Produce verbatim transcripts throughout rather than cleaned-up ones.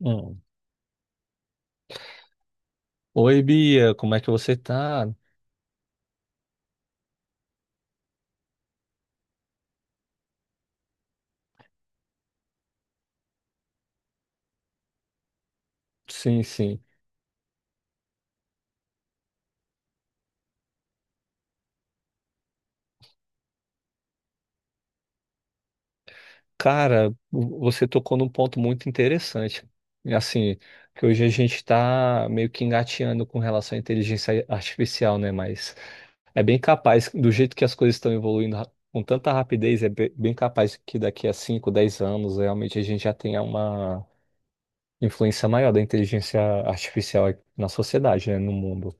Hum. Oi, Bia, como é que você tá? Sim, sim. Cara, o- você tocou num ponto muito interessante. E, assim, que hoje a gente tá meio que engatinhando com relação à inteligência artificial, né? Mas é bem capaz, do jeito que as coisas estão evoluindo ra- com tanta rapidez, é be- bem capaz que daqui a cinco, dez anos realmente a gente já tenha uma influência maior da inteligência artificial na sociedade, né? No mundo.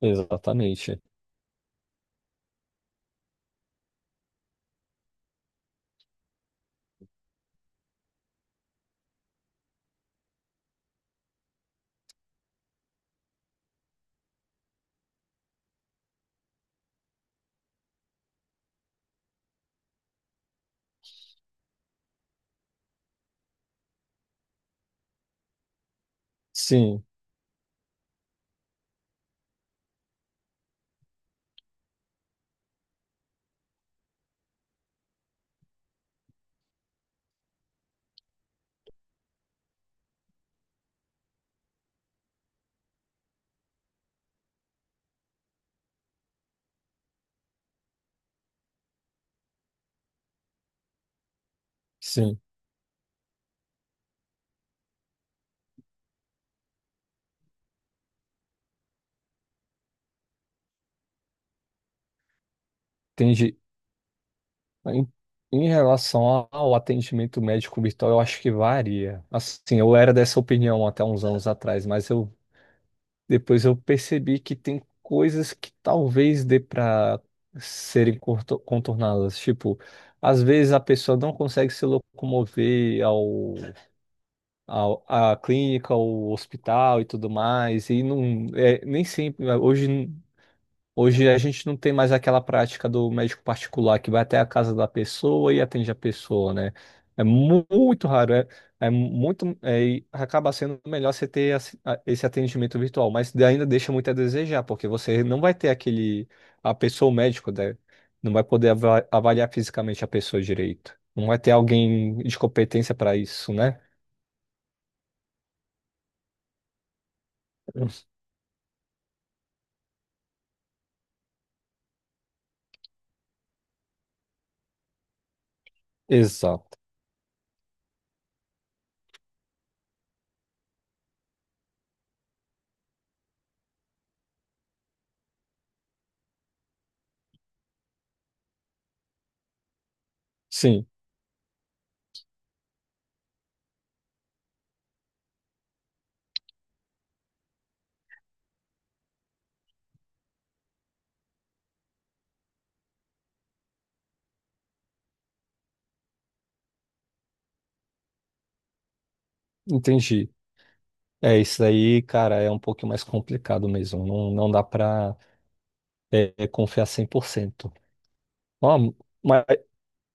Exatamente. Sim, sim. Entendi. Em, em relação ao atendimento médico virtual, eu acho que varia. Assim, eu era dessa opinião até uns anos atrás, mas eu depois eu percebi que tem coisas que talvez dê para serem corto- contornadas. Tipo, às vezes a pessoa não consegue se locomover ao, ao à clínica, ao hospital e tudo mais, e não é, nem sempre hoje. Hoje a gente não tem mais aquela prática do médico particular que vai até a casa da pessoa e atende a pessoa, né? É mu- muito raro, é, é muito, é, e acaba sendo melhor você ter assi- a- esse atendimento virtual, mas ainda deixa muito a desejar, porque você não vai ter aquele, a pessoa, o médico, né? Não vai poder ava- avaliar fisicamente a pessoa direito. Não vai ter alguém de competência para isso, né? Exato. Sim, entendi. É, isso aí, cara, é um pouquinho mais complicado mesmo. Não, não dá para é, confiar cem por cento. Ó, mas,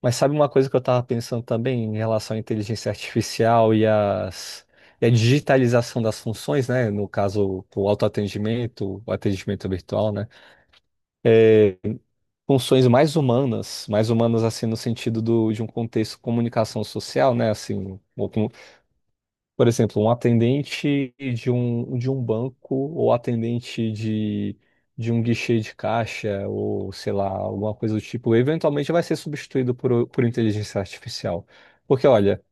mas sabe uma coisa que eu estava pensando também em relação à inteligência artificial e, as, e a digitalização das funções, né? No caso, o autoatendimento, o atendimento virtual, né? É, funções mais humanas, mais humanas assim no sentido do, de um contexto de comunicação social, né? Assim, ou com- por exemplo, um atendente de um, de um banco ou atendente de, de um guichê de caixa ou, sei lá, alguma coisa do tipo, eventualmente vai ser substituído por, o- por inteligência artificial. Porque, olha,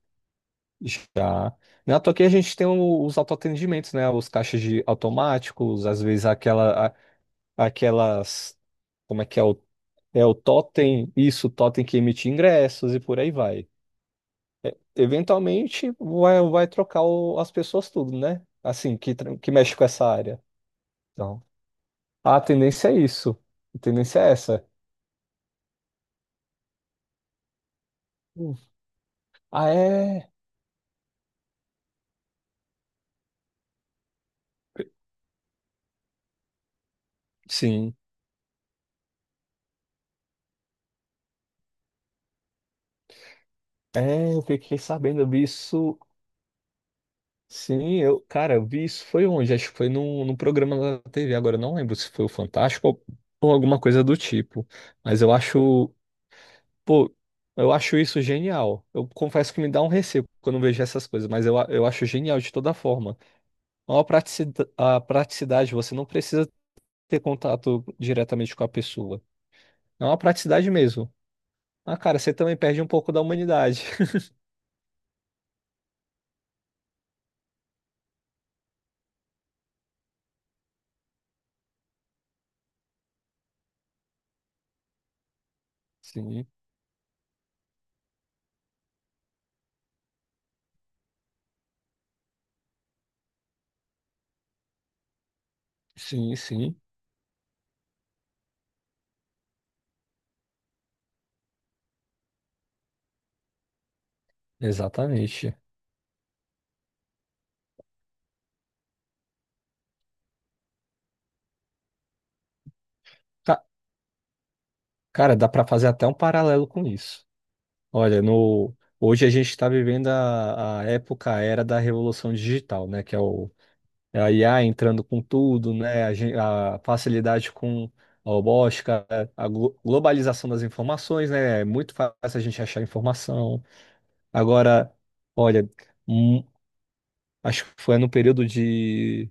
já... Na toa aqui a gente tem o- os autoatendimentos, né? Os caixas de automáticos, às vezes aquela, a- aquelas... Como é que é o, é o totem? Isso, o totem que emite ingressos e por aí vai eventualmente vai, vai trocar o- as pessoas tudo, né? Assim, que, tra- que mexe com essa área. Então, a tendência é isso. A tendência é essa. Hum. Ah, é? Sim. É, eu fiquei sabendo, eu vi isso. Sim, eu, cara, eu vi isso foi onde? Acho que foi num, num programa da T V. Agora eu não lembro se foi o Fantástico ou, ou alguma coisa do tipo. Mas eu acho, pô, eu acho isso genial. Eu confesso que me dá um receio quando eu vejo essas coisas, mas eu, a- eu acho genial de toda forma. Ó, a praticidade, a praticidade, você não precisa ter contato diretamente com a pessoa. É uma praticidade mesmo. Ah, cara, você também perde um pouco da humanidade. Sim, sim, sim, exatamente. Ca- Cara, dá pra fazer até um paralelo com isso. Olha, no hoje a gente está vivendo a, a época, a era da revolução digital, né? Que é o é a I A entrando com tudo, né? A, gen- a facilidade com a robótica, a glo- globalização das informações, né? É muito fácil a gente achar informação. Agora, olha, hum, acho que foi no período de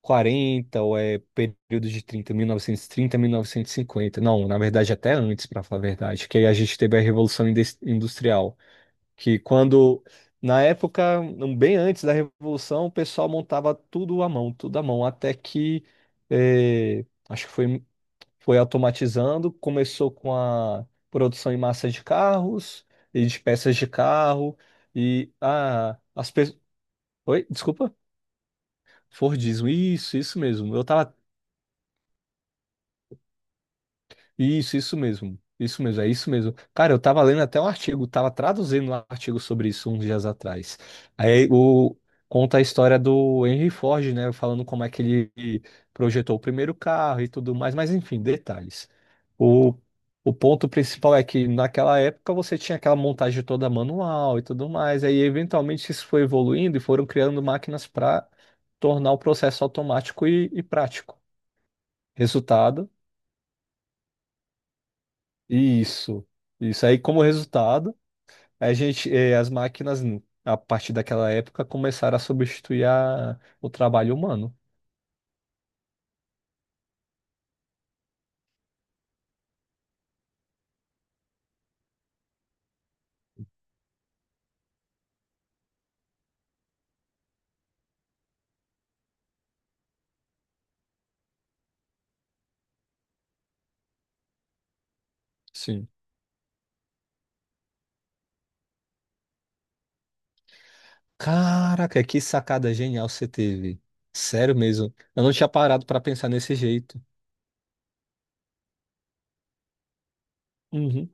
quarenta ou é período de trinta trinta mil mil novecentos e trinta, mil novecentos e cinquenta. Não, na verdade até antes, para falar a verdade, que aí a gente teve a Revolução Indes- Industrial, que quando na época, um, bem antes da Revolução, o pessoal montava tudo à mão, tudo à mão, até que eh, acho que foi foi automatizando, começou com a produção em massa de carros e de peças de carro e ah, as pessoas. Oi, desculpa. Fordismo, isso, isso mesmo. Eu tava Isso, isso mesmo. Isso mesmo, é isso mesmo. Cara, eu tava lendo até um artigo, tava traduzindo um artigo sobre isso uns dias atrás. Aí o conta a história do Henry Ford, né, falando como é que ele projetou o primeiro carro e tudo mais, mas enfim, detalhes. O, o ponto principal é que naquela época você tinha aquela montagem toda manual e tudo mais, aí eventualmente isso foi evoluindo e foram criando máquinas para tornar o processo automático e e prático. Resultado Isso, isso. Aí, como resultado, a gente, eh, as máquinas, a partir daquela época, começaram a substituir a- o trabalho humano. Sim. Caraca, que sacada genial você teve. Sério mesmo. Eu não tinha parado para pensar nesse jeito. Uhum.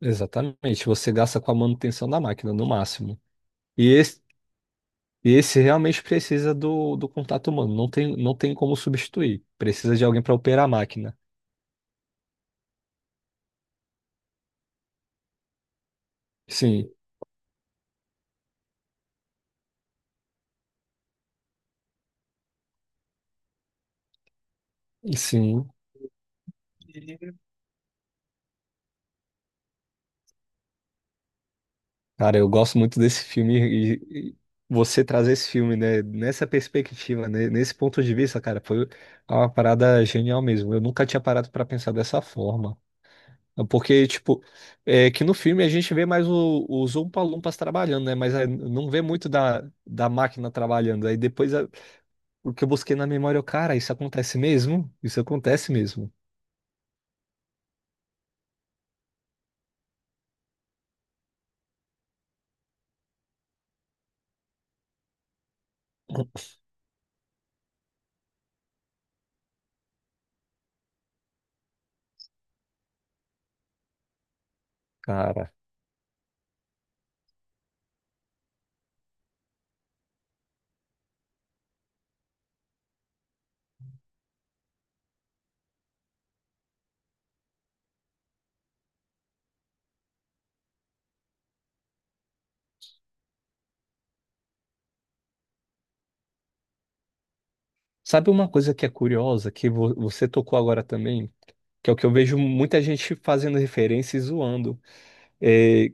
Exatamente. Você gasta com a manutenção da máquina, no máximo. E esse, e esse realmente precisa do, do contato humano. Não tem, não tem como substituir. Precisa de alguém para operar a máquina. Sim, sim. Cara, eu gosto muito desse filme e, e você trazer esse filme, né, nessa perspectiva, né, nesse ponto de vista, cara, foi uma parada genial mesmo. Eu nunca tinha parado pra pensar dessa forma. Porque, tipo, é que no filme a gente vê mais o, os Oompa-Loompas trabalhando, né? Mas é, não vê muito da, da máquina trabalhando. Aí depois a- o que eu busquei na memória, eu, cara, isso acontece mesmo? Isso acontece mesmo. Cara, sabe uma coisa que é curiosa, que vo- você tocou agora também? Que é o que eu vejo muita gente fazendo referência e zoando. É,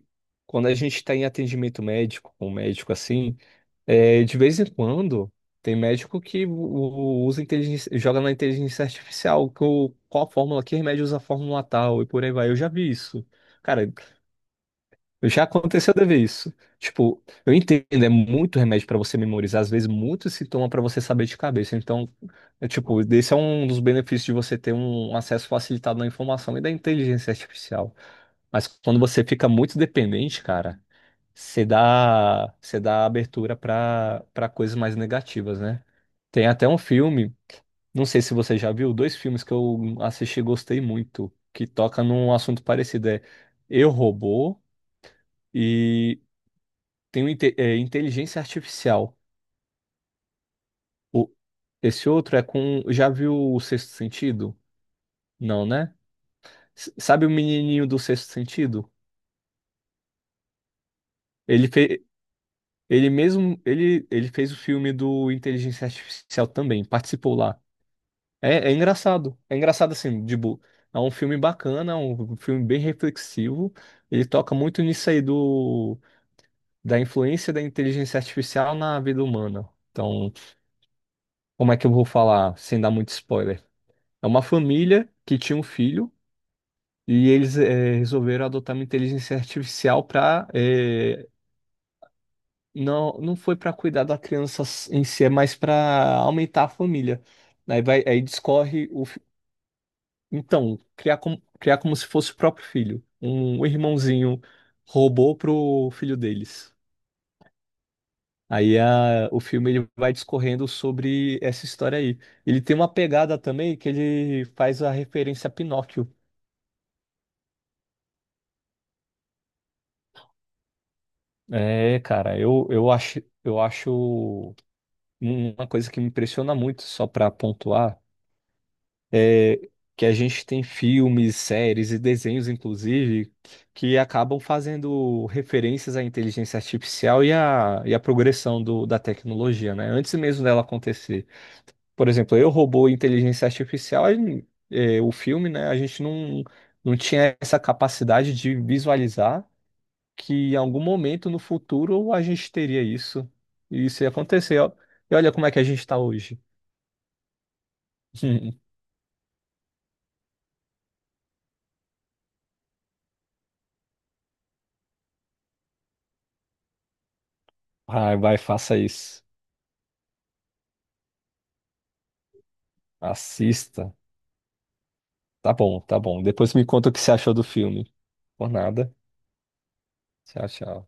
quando a gente está em atendimento médico, com um médico assim, é, de vez em quando tem médico que u- u- usa inteligência, joga na inteligência artificial que o qual a fórmula, que remédio usa a fórmula tal e por aí vai. Eu já vi isso. Cara, já aconteceu de ver isso. Tipo, eu entendo, é muito remédio pra você memorizar, às vezes muito se toma pra você saber de cabeça. Então, é tipo, esse é um dos benefícios de você ter um acesso facilitado à informação e da inteligência artificial. Mas quando você fica muito dependente, cara, você dá, você dá abertura pra para coisas mais negativas, né? Tem até um filme, não sei se você já viu, dois filmes que eu assisti e gostei muito, que toca num assunto parecido, é Eu, Robô e tem o inte- é, inteligência artificial. O- Esse outro é com. Já viu o Sexto Sentido? Não, né? S- sabe o menininho do Sexto Sentido? Ele fe... ele mesmo ele, ele fez o filme do Inteligência Artificial também, participou lá. É, é engraçado. É engraçado assim, de bo... é um filme bacana, é um filme bem reflexivo. Ele toca muito nisso aí do da influência da inteligência artificial na vida humana. Então, como é que eu vou falar sem dar muito spoiler? É uma família que tinha um filho e eles eh, resolveram adotar uma inteligência artificial para. Não, não foi para cuidar da criança s- em si, é mais para aumentar a família. Aí vai aí discorre o fi- então criar como criar como se fosse o próprio filho, um um irmãozinho robô pro filho deles. Aí a, o filme ele vai discorrendo sobre essa história aí. Ele tem uma pegada também que ele faz a referência a Pinóquio. É, cara, eu, eu acho, eu acho um, uma coisa que me impressiona muito, só para pontuar, é que a gente tem filmes, séries e desenhos, inclusive, que acabam fazendo referências à inteligência artificial e à, e à progressão do- da tecnologia, né? Antes mesmo dela acontecer. Por exemplo, Eu, Robô e Inteligência Artificial, a gen- é, o filme, né? A gente não, não tinha essa capacidade de visualizar que em algum momento no futuro a gente teria isso. E isso ia acontecer. Ó. E olha como é que a gente está hoje. Vai, vai, faça isso. Assista. Tá bom, tá bom. Depois me conta o que você achou do filme. Por nada. Tchau, tchau.